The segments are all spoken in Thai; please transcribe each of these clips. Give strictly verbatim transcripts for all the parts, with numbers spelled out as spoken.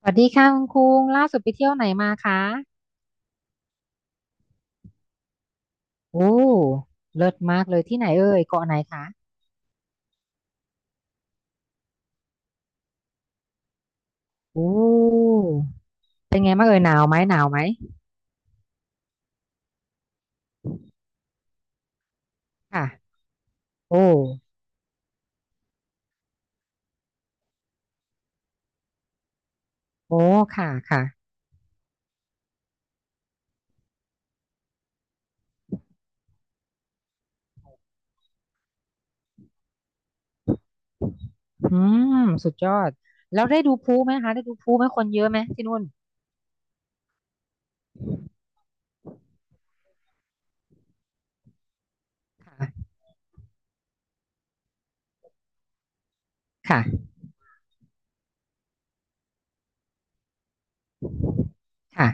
สวัสดีค่ะคุณคุงล่าสุดไปเที่ยวไหนมาคะโอ้เลิศมากเลยที่ไหนเอ่ยเกาะไหนคะโอ้เป็นไงบ้างเอ่ยหนาวไหมหนาวไหมค่ะโอ้โอ้ค่ะค่ะอืมสุดยอดแล้วได้ดูพลุไหมคะได้ดูพลุไหมคนเยอะไหมที่นู่นค่ะค่ะค่ะ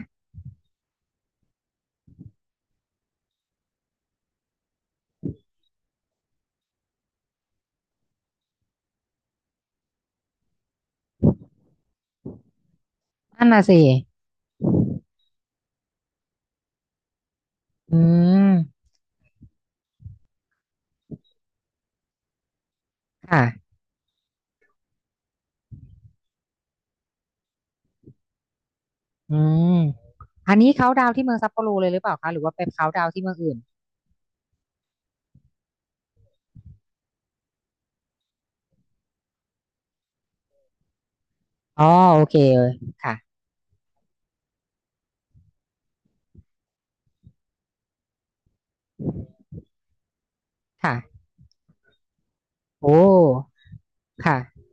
นั่นน่ะสิอืมค่ะอืมอันนี้เขาดาวน์ที่เมืองซัปโปโรเลยหรือเปล่าคะหรือว่าไปเขาดาวน์ที่เมืองอื่นอ๋อโอเคเลยค่ะค่ะโอ้ค่ะ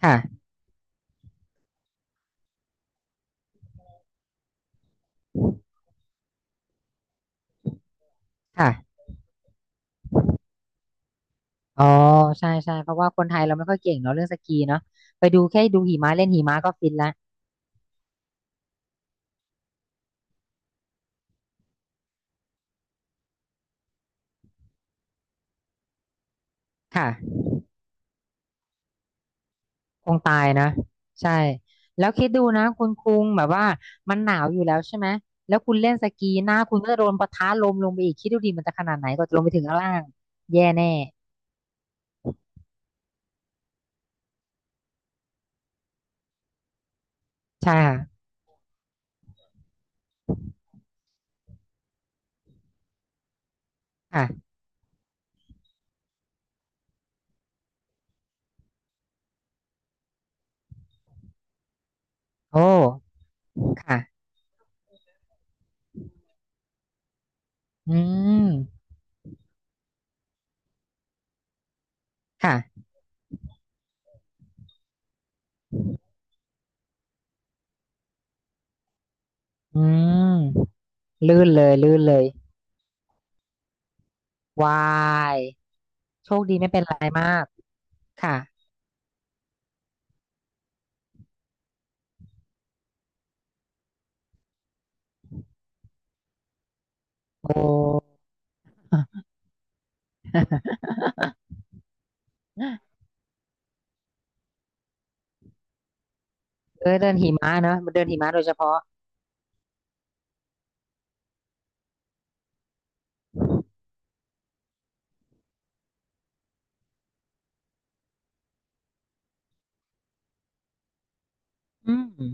ค่ะค่ะ อ๋อใช่ใช่เพราะว่าคนไทยเราไม่ค่อยเก่งเนาะเรื่องสกีเนาะไปดูแค่ดูหิมะเล่นหิมะก็ฟินละค่ะคงตายนะใช่แล้วคิดดูนะคุณคุงแบบว่ามันหนาวอยู่แล้วใช่ไหมแล้วคุณเล่นสกีหน้าคุณก็โดนปะทะลมลงไปอีกคิดดูดิมันจะขนาดไหนก็จะลงไปถึงข้างล่างแย่แน่ใช่ค่ะค่ะโอ้ค่ะอืมค่ะอืมลื่นเลยลื่นเลยวายโชคดีไม่เป็นไรมากค่ะโอ้ เออเดินหิมะเนอะเดินหิมะโดยเฉพาะอืม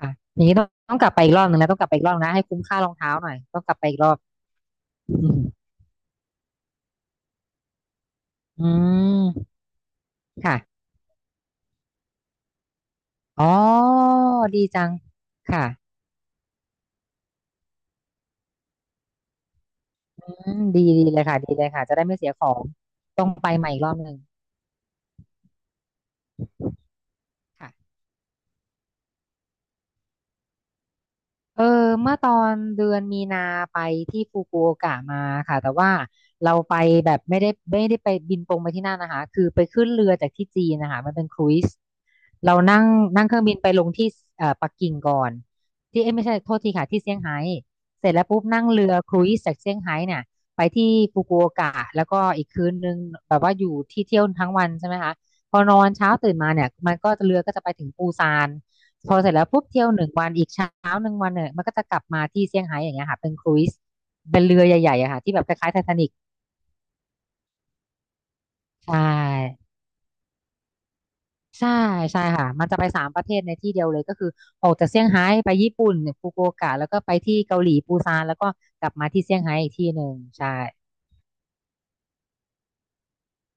อ่ะอย่างนี้ต้องต้องกลับไปอีกรอบหนึ่งนะต้องกลับไปอีกรอบนะให้คุ้มค่ารองเท้าหน่อยต้องกลับไปอีกรอบอืมอืมค่ะอ๋อดีจังค่ะอืมดีดีเลยค่ะดีเลยค่ะจะได้ไม่เสียของต้องไปใหม่อีกรอบหนึ่งค่ะเออเมื่อตอนเดือนมีนาไปที่ฟุกุโอกะมาค่ะแต่ว่าเราไปแบบไม่ได้ไม่ได้ไปบินตรงไปที่นั่นนะคะคือไปขึ้นเรือจากที่จีนนะคะมันเป็นครูซ เรานั่งนั่งเครื่องบินไปลงที่เอ่อปักกิ่งก่อนที่เอ้ยไม่ใช่โทษทีค่ะที่เซี่ยงไฮ้เสร็จแล้วปุ๊บนั่งเรือครูซจากเซี่ยงไฮ้เนี่ยไปที่ฟุกุโอกะแล้วก็อีกคืนนึงแบบว่าอยู่ที่เที่ยวทั้งวันใช่ไหมคะพอนอนเช้าตื่นมาเนี่ยมันก็เรือก็จะไปถึงปูซานพอเสร็จแล้วปุ๊บเที่ยวหนึ่งวันอีกเช้าหนึ่งวันเนี่ยมันก็จะกลับมาที่เซี่ยงไฮ้อย่างเงี้ยค่ะเป็นครูซเป็นเลยอะค่ะที่แบบคล้ายๆไททานิกใช่ ใช่ใช่ค่ะมันจะไปสามประเทศในที่เดียวเลยก็คือออกจากเซี่ยงไฮ้ไปญี่ปุ่นฟุกุโอกะแล้วก็ไปที่เกาหลีปูซานแล้วก็กลับมาที่เซี่ยงไฮ้อีกที่หนึ่งใช่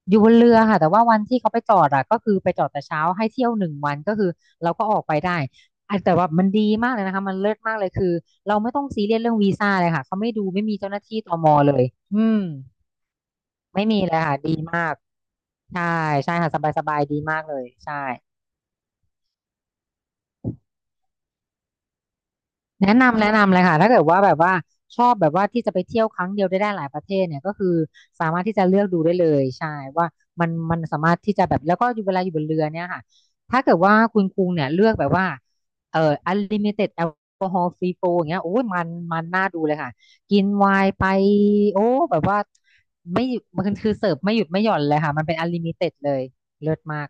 อยู่บนเรือค่ะแต่ว่าวันที่เขาไปจอดอะก็คือไปจอดแต่เช้าให้เที่ยวหนึ่งวันก็คือเราก็ออกไปได้อ่ะแต่ว่ามันดีมากเลยนะคะมันเลิศมากเลยคือเราไม่ต้องซีเรียสเรื่องวีซ่าเลยค่ะเขาไม่ดูไม่มีเจ้าหน้าที่ตมเลยอืมไม่มีเลยค่ะดีมากใช่ใช่ค่ะสบายสบายดีมากเลยใช่ แนะนำแนะนำเลยค่ะถ้าเกิดว่าแบบว่าชอบแบบว่าที่จะไปเที่ยวครั้งเดียวได้ได้หลายประเทศเนี่ยก็คือสามารถที่จะเลือกดูได้เลยใช่ว่ามันมันสามารถที่จะแบบแล้วก็อยู่เวลาอยู่บนเรือเนี่ยค่ะถ้าเกิดว่าคุณกรุงเนี่ยเลือกแบบว่าเอ่อ unlimited alcohol free flow อย่างเงี้ยโอ้ยมันมันน่าดูเลยค่ะกินไวน์ไปโอ้แบบว่าไม่หยุดมันคือเสิร์ฟไม่หยุดไม่หย่อนเลยค่ะมันเป็น unlimited เลยเลิศมาก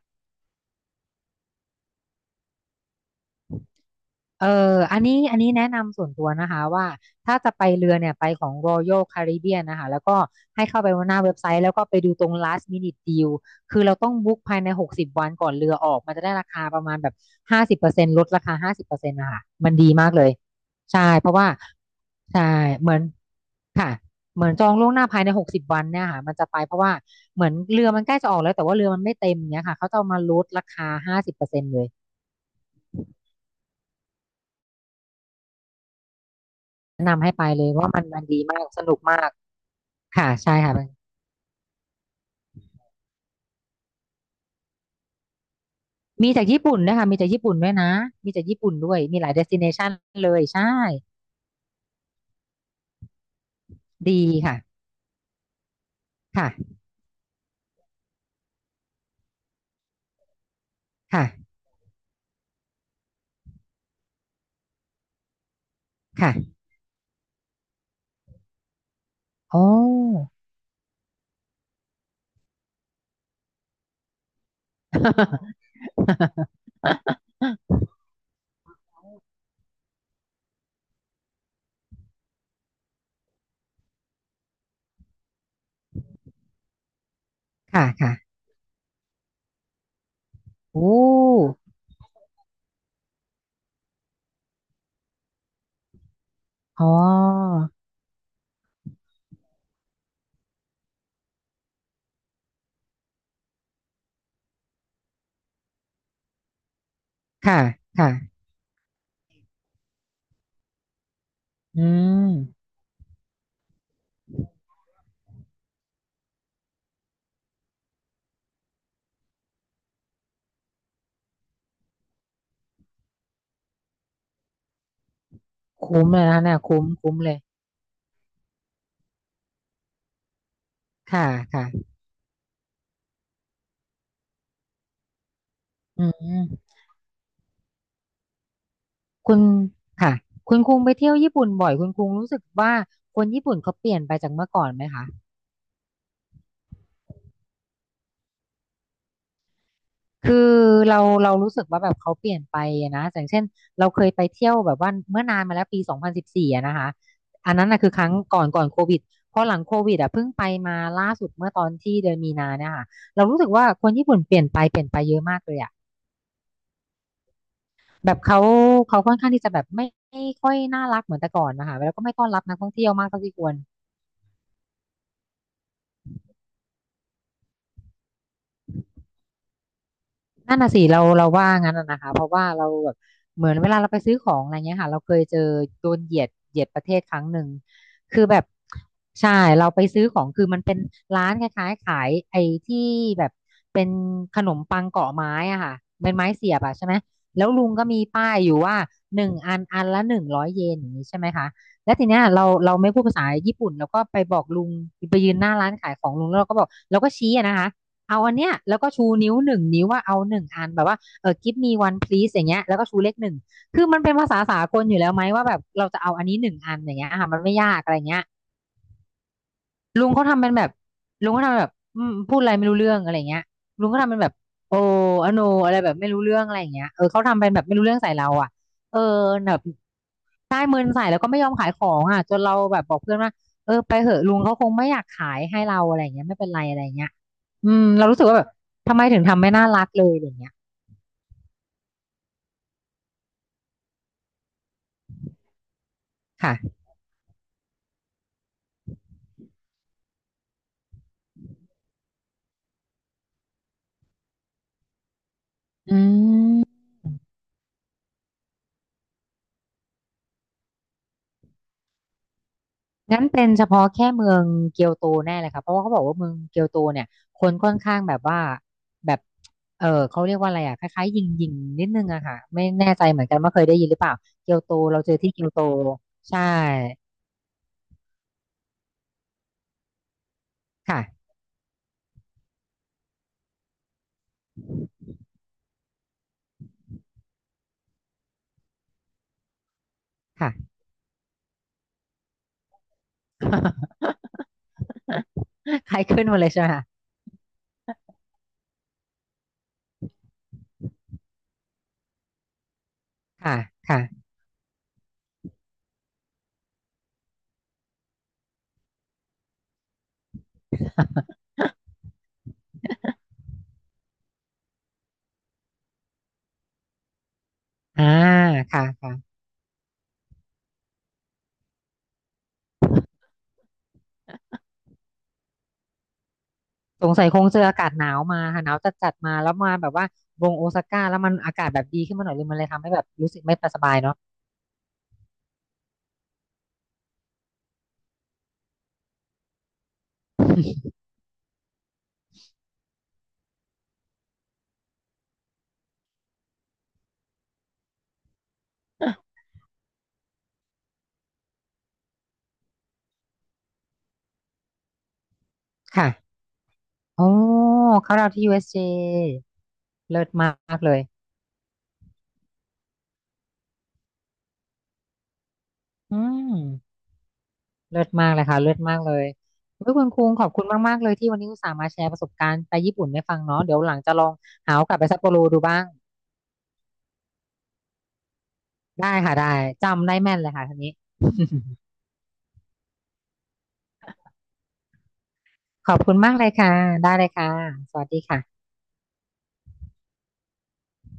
เอออันนี้อันนี้แนะนำส่วนตัวนะคะว่าถ้าจะไปเรือเนี่ยไปของ Royal Caribbean นะคะแล้วก็ให้เข้าไปหน้าเว็บไซต์แล้วก็ไปดูตรง last minute deal คือเราต้องบุ๊กภายในหกสิบวันก่อนเรือออกมันจะได้ราคาประมาณแบบห้าสิบเปอร์เซ็นต์ลดราคาห้าสิบเปอร์เซ็นต์นต์นะคะมันดีมากเลยใช่เพราะว่าใช่เหมือนค่ะเหมือนจองล่วงหน้าภายในหกสิบวันเนี่ยค่ะมันจะไปเพราะว่าเหมือนเรือมันใกล้จะออกแล้วแต่ว่าเรือมันไม่เต็มเนี้ยค่ะเขาจะเอามาลดราคาห้าสิบเปอร์เซ็นต์เลย แนะนำให้ไปเลยว่ามันมันดีมากสนุกมากค่ะใช่ค่ะมันมีจากญี่ปุ่นด้วยค่ะมีจากญี่ปุ่นด้วยนะมีจากญี่ปุ่นด้วยมีหลายเดสติเนชันเลยใช่ดีค่ะค่ะค่ะค่ะโอ้ค่ะค่ะโอ้อ๋อค่ะค่ะอืมคุ้มเลยนะคะเนี่ยคุ้มคุ้มเลยค่ะค่ะอืมคุณค่ะคุณคุงไปเที่ยวญี่ปุ่นบ่อยคุณคุงรู้สึกว่าคนญี่ปุ่นเขาเปลี่ยนไปจากเมื่อก่อนไหมคะ คือเราเรารู้สึกว่าแบบเขาเปลี่ยนไปอะนะอย่างเช่นเราเคยไปเที่ยวแบบว่าเมื่อนานมาแล้วปีสองพันสิบสี่อะนะคะอันนั้นนะคือครั้งก่อนก่อนโควิดพอหลังโควิดอะเพิ่งไปมาล่าสุดเมื่อตอนที่เดือนมีนาเนี่ยค่ะเรารู้สึกว่าคนญี่ปุ่นเปลี่ยนไปเปลี่ยนไปเยอะมากเลยอะแบบเขาเขาค่อนข้างที่จะแบบไม่ไม่ค่อยน่ารักเหมือนแต่ก่อนนะคะแล้วก็ไม่ต้อนรับนักท่องเที่ยวมากเท่าที่ควร นั่นน่ะสิเราเราว่างั้นน่ะนะคะเพราะว่าเราแบบเหมือนเวลาเราไปซื้อของอะไรเงี้ยค่ะเราเคยเจอโดนเหยียดเหยียดประเทศครั้งหนึ่งคือแบบใช่เราไปซื้อของคือมันเป็นร้านคล้ายๆขายไอ้ที่แบบเป็นขนมปังเกาะไม้อ่ะค่ะเป็นไม้เสียบอ่ะใช่ไหมแล้วลุงก็มีป้ายอยู่ว่าหนึ่งอันอันละหนึ่งร้อยเยนอย่างนี้ใช่ไหมคะแล้วทีเนี้ยเราเราไม่พูดภาษาญี่ปุ่นเราก็ไปบอกลุงไปยืนหน้าร้านขายของลุงแล้วเราก็บอกเราก็ชี้อะนะคะ เอาอันเนี้ยแล้วก็ชูนิ้วหนึ่งนิ้วว่าเอาหนึ่งอันแบบว่าเออ give me one please อย่างเงี้ยแล้วก็ชูเลขหนึ่งคือมันเป็นภาษาสากลอยู่แล้วไหมว่าแบบเราจะเอาอันนี้หนึ่งอันอย่างเงี้ยอ่ะมันไม่ยากอะไรเงี้ยลุงเขาทำเป็นแบบลุงเขาทำเป็นแบบอืมพูดอะไรไม่รู้เรื่องอะไรเงี้ยลุงเขาทำเป็นแบบโอ้อโนอะไรแบบไม่รู้เรื่องอะไรอย่างเงี้ยเออเขาทำเป็นแบบไม่รู้เรื่องใส่เราอ่ะเออแบบได้เมินใส่แล้วก็ไม่ยอมขายของอ่ะจนเราแบบบอกเพื่อนว่าเออไปเหอะลุงเขาคงไม่อยากขายให้เราอะไร่เงี้ยไม่เป็นไรอะไรงเงี้ย อืมเรารู้สึกว่าแบบทำไมถึงทำไม่น่ารักเลยอย่างเงี้ยค่ะอืมงั้นเป็นเฉพาะแค่เมืองเกียวโตแน่เลยค่ะเพราะว่าเขาบอกว่าเมืองเกียวโตเนี่ยคนค่อนข้างแบบว่าแบบเออเขาเรียกว่าอะไรอ่ะคล้ายๆยิงยิงนิดนึงอะค่ะไม่แน่ใจเหมือนกันว่าเคยได้ยินหรือเปล่าเกียวโตเราเจอที่เกียวโตใช่ค่ะค่ะ ใครขึ้นมาเลยใช่ไหมคะค่ะค่ะอ่าค่ะค่ะ สงสัยคงเจออากาศหนาวมาค่ะหนาวจัดจัดมาแล้วมาแบบว่าวงโอซาก้าแล้วมันอากาศแบบดีขึ้นมาหน่อยเลยมันเลยทำให้แบบรู้สึกไม่สบายเนาะอ่ะค่ะโอ้เขาเราที่ ยู เอส เจ เอสเจเลิศมากเลยอืมเลิศมากเลยค่ะเลิศมากเลยเ้ยคุณคุงขอบคุณมากๆเลยที่วันนี้อุตส่าห์มาแชร์ประสบการณ์ไปญี่ปุ่นให้ฟังเนาะเดี๋ยวหลังจะลองหาโอกาสไปซัปโปโรดูบ้างได้ค่ะได้จำได้แม่นเลยค่ะทีนี้ขอบคุณมากเลยค่ะได้เลยค่ะสวัสดีค่ะ